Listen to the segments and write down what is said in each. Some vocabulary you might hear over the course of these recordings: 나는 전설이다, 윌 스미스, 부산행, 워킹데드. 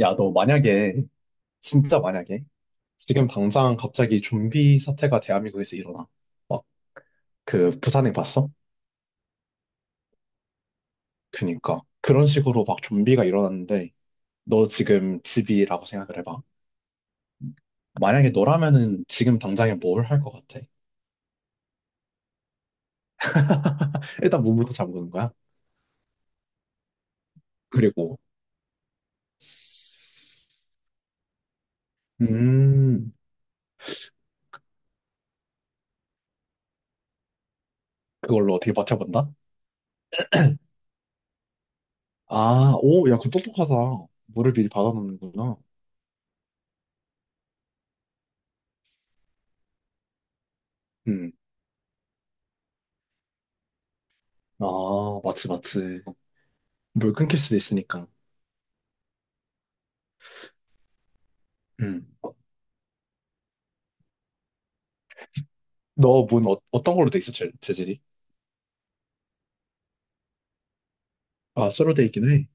야, 너 만약에, 진짜 만약에, 지금 당장 갑자기 좀비 사태가 대한민국에서 일어나. 막, 그, 부산행 봤어? 그니까. 그런 식으로 막 좀비가 일어났는데, 너 지금 집이라고 생각을 해봐. 만약에 너라면은 지금 당장에 뭘 할 것 같아? 일단 문부터 잠그는 거야. 그리고, 음, 그걸로 어떻게 버텨본다? 아, 오, 야, 그 똑똑하다. 물을 미리 받아놓는구나. 음, 아, 마치, 마치. 물 끊길 수도 있으니까. 음. 너 문 어, 떤 걸로 돼 있어, 재질이? 아, 쇠로 돼 있긴 해.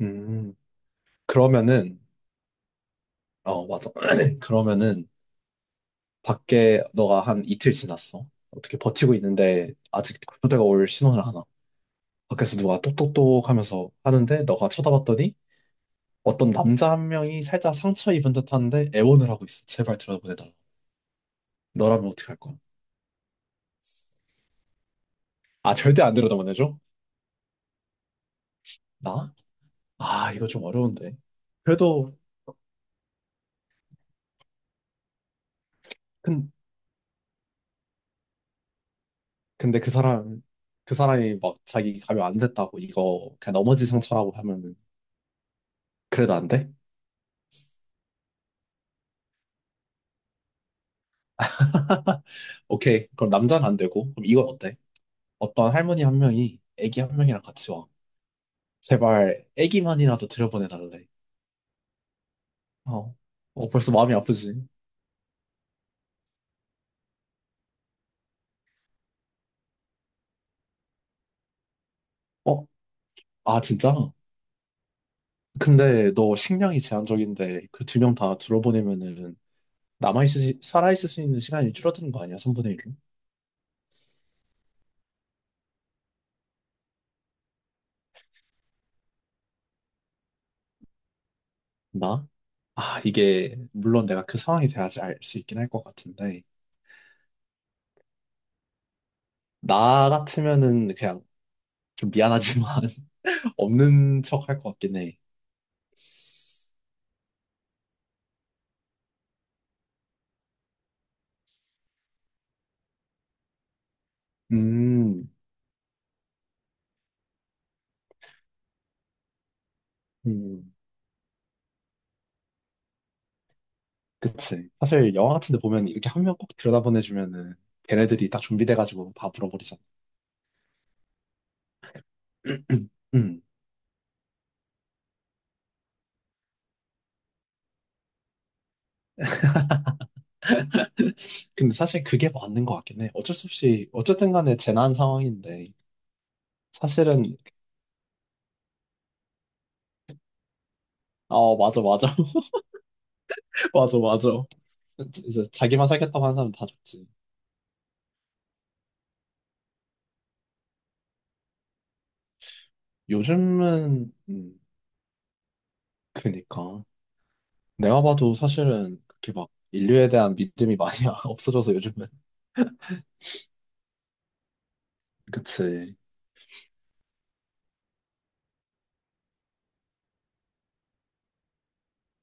음, 그러면은, 어, 맞아. 그러면은, 밖에 너가 한 이틀 지났어. 어떻게 버티고 있는데, 아직 군대가 올 신호를 하나. 밖에서 누가 똑똑똑 하면서 하는데, 너가 쳐다봤더니, 어떤 남자 한 명이 살짝 상처 입은 듯한데, 애원을 하고 있어. 제발 들여다보내달라. 너라면 어떻게 할 거야? 아, 절대 안 들여다보내줘? 나? 아, 이거 좀 어려운데. 그래도, 근데 그 사람, 그 사람이 막 자기 가면 안 됐다고 이거 그냥 넘어지 상처라고 하면은 그래도 안 돼? 오케이. 그럼 남자는 안 되고 그럼 이건 어때? 어떤 할머니 한 명이 애기 한 명이랑 같이 와. 제발 애기만이라도 들여보내달래. 어. 어, 벌써 마음이 아프지? 어? 아, 진짜? 근데 너 식량이 제한적인데 그 두 명 다 들어보내면은 남아있을, 살아있을 수 있는 시간이 줄어드는 거 아니야? 3분의 1로? 나? 아, 이게 물론 내가 그 상황이 돼야지 알 수 있긴 할 것 같은데 나 같으면은 그냥 좀 미안하지만 없는 척 할 것 같긴 해. 음, 음, 그치. 사실 영화 같은 데 보면 이렇게 한 명 꼭 들여다보내주면은 걔네들이 딱 준비돼가지고 다 물어버리잖아. 음. 근데 사실 그게 맞는 것 같긴 해. 어쩔 수 없이, 어쨌든 간에 재난 상황인데, 사실은, 어, 맞아, 맞아. 맞아, 맞아. 이제 자기만 살겠다고 하는 사람 다 죽지. 요즘은, 그니까. 내가 봐도 사실은 그렇게 막 인류에 대한 믿음이 많이 없어져서 요즘은. 그치.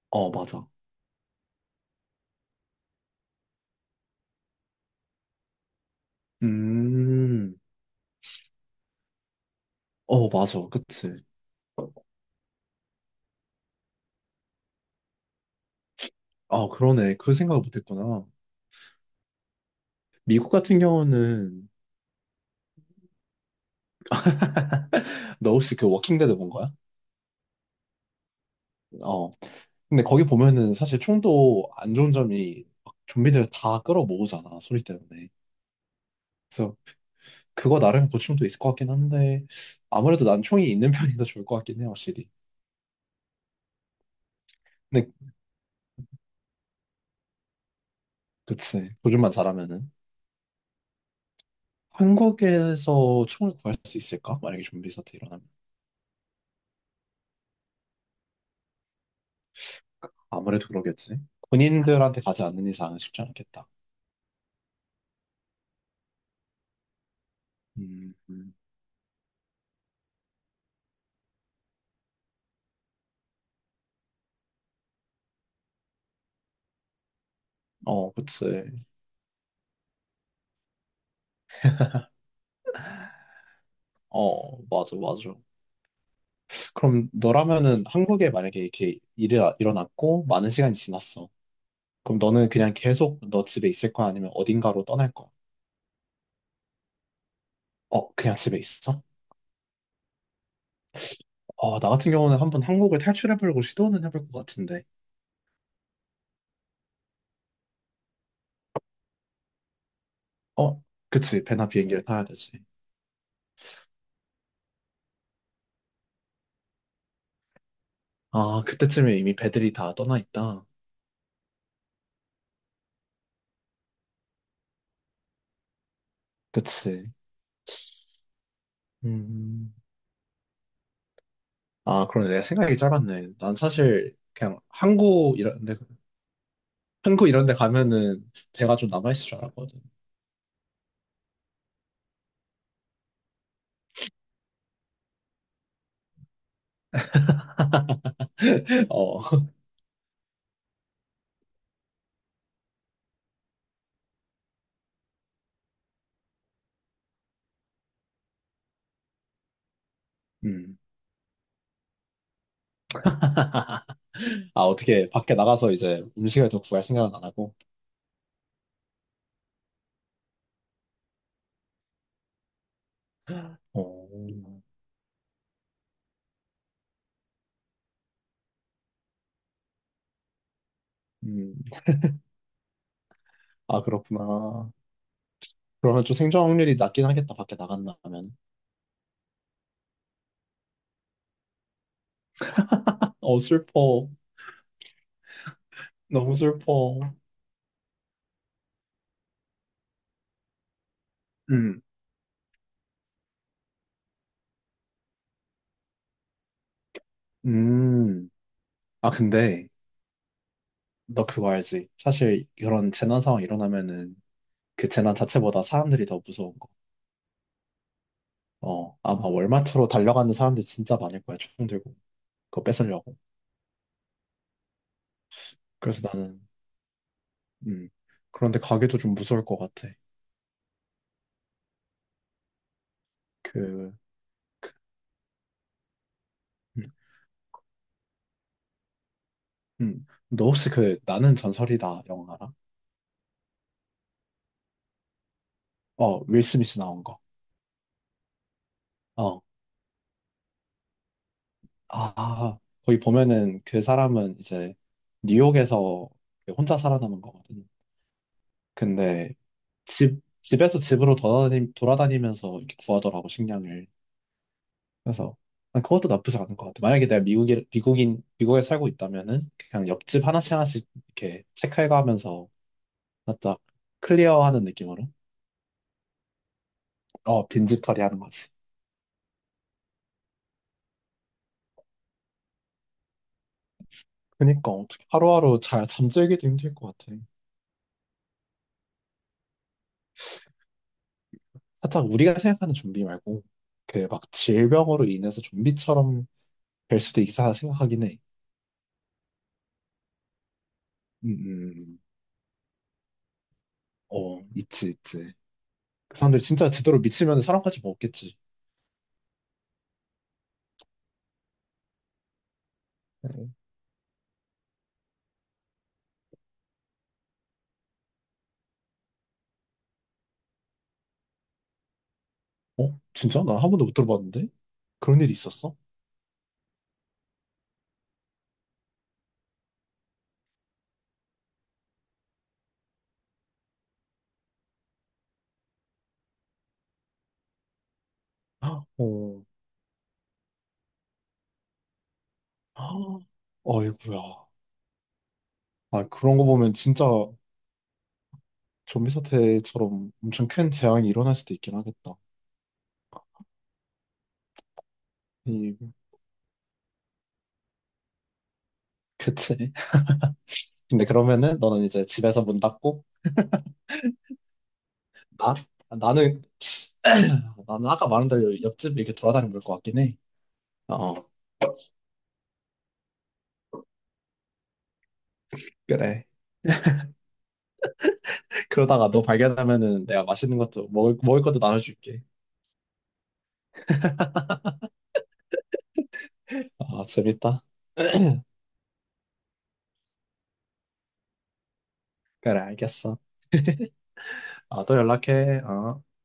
어, 맞아. 음, 어, 맞아. 그치. 아, 그러네. 그 생각을 못했구나. 미국 같은 경우는 너 혹시 그 워킹데드 본 거야? 어. 근데 거기 보면은 사실 총도 안 좋은 점이 막 좀비들 다 끌어모으잖아. 소리 때문에. 그래서 그거 나름 고충도 있을 것 같긴 한데 아무래도 난 총이 있는 편이 더 좋을 것 같긴 해, 확실히. 근데 그치. 조준만 잘하면은. 한국에서 총을 구할 수 있을까? 만약에 좀비 사태 일어나면. 아무래도 그러겠지. 군인들한테 가지 않는 이상은 쉽지 않겠다. 음, 음. 어, 그치. 어, 맞아, 맞아. 그럼 너라면은 한국에 만약에 이렇게 일이 일어났고 많은 시간이 지났어. 그럼 너는 그냥 계속 너 집에 있을 거야? 아니면 어딘가로 떠날 거야? 어, 그냥 집에 있어? 어, 나 같은 경우는 한번 한국을 탈출해보려고 시도는 해볼 것 같은데. 어, 그치. 배나 비행기를 타야 되지. 아, 그때쯤에 이미 배들이 다 떠나 있다. 그치. 음. 아, 그러네. 내가 생각이 짧았네. 난 사실 그냥 항구 이런 데, 항구 이런 데 가면은 배가 좀 남아있을 줄 알았거든. 어. 음. 아, 어떻게 밖에 나가서 이제 음식을 더 구할 생각은 안 하고. 어. 음. 아, 그렇구나. 그러면 좀 생존 확률이 낮긴 하겠다, 밖에 나간다면. 어, 슬퍼. 너무 슬퍼. 음. 음. 아, 근데 너 그거 알지? 사실 이런 재난 상황 일어나면은 그 재난 자체보다 사람들이 더 무서운 거. 어, 아마 월마트로 달려가는 사람들 진짜 많을 거야. 총 들고. 그거 뺏으려고. 그래서 나는, 음. 그런데 가게도 좀 무서울 것 같아. 그, 음. 음. 너 혹시 그 나는 전설이다 영화 알아? 어, 윌 스미스 나온 거. 어. 아, 아. 거기 보면은 그 사람은 이제 뉴욕에서 그 혼자 살아남은 거거든. 근데 집, 집에서 돌아다니면서 이렇게 구하더라고, 식량을. 그래서 난 그것도 나쁘지 않은 것 같아. 만약에 내가 미국에 살고 있다면은 그냥 옆집 하나씩 하나씩 이렇게 체크해가면서 살짝 클리어하는 느낌으로 어, 빈집 처리하는 거지. 그니까 어떻게 하루하루 잘 잠들기도 힘들 것 같아. 살짝 우리가 생각하는 좀비 말고 그 막 질병으로 인해서 좀비처럼 될 수도 있다 생각하긴 해. 음, 음. 어, 있지, 있지. 그 사람들 진짜 제대로 미치면 사람까지 먹겠지. 네. 어? 진짜? 난 한 번도 못 들어봤는데? 그런 일이 있었어? 어, 어, 어이구야. 아, 그런 거 보면 진짜 좀비 사태처럼 엄청 큰 재앙이 일어날 수도 있긴 하겠다. 이, 그치. 근데 그러면은 너는 이제 집에서 문 닫고, 나? 나는, 나는 아까 말한 대로 옆집 이렇게 돌아다니면 볼 것 같긴 해. 어, 그래. 그러다가 너 발견하면은 내가 맛있는 것도, 먹을 것도 나눠줄게. 아, 재밌다. 그래, 알겠어. 아, 또 연락해. 어.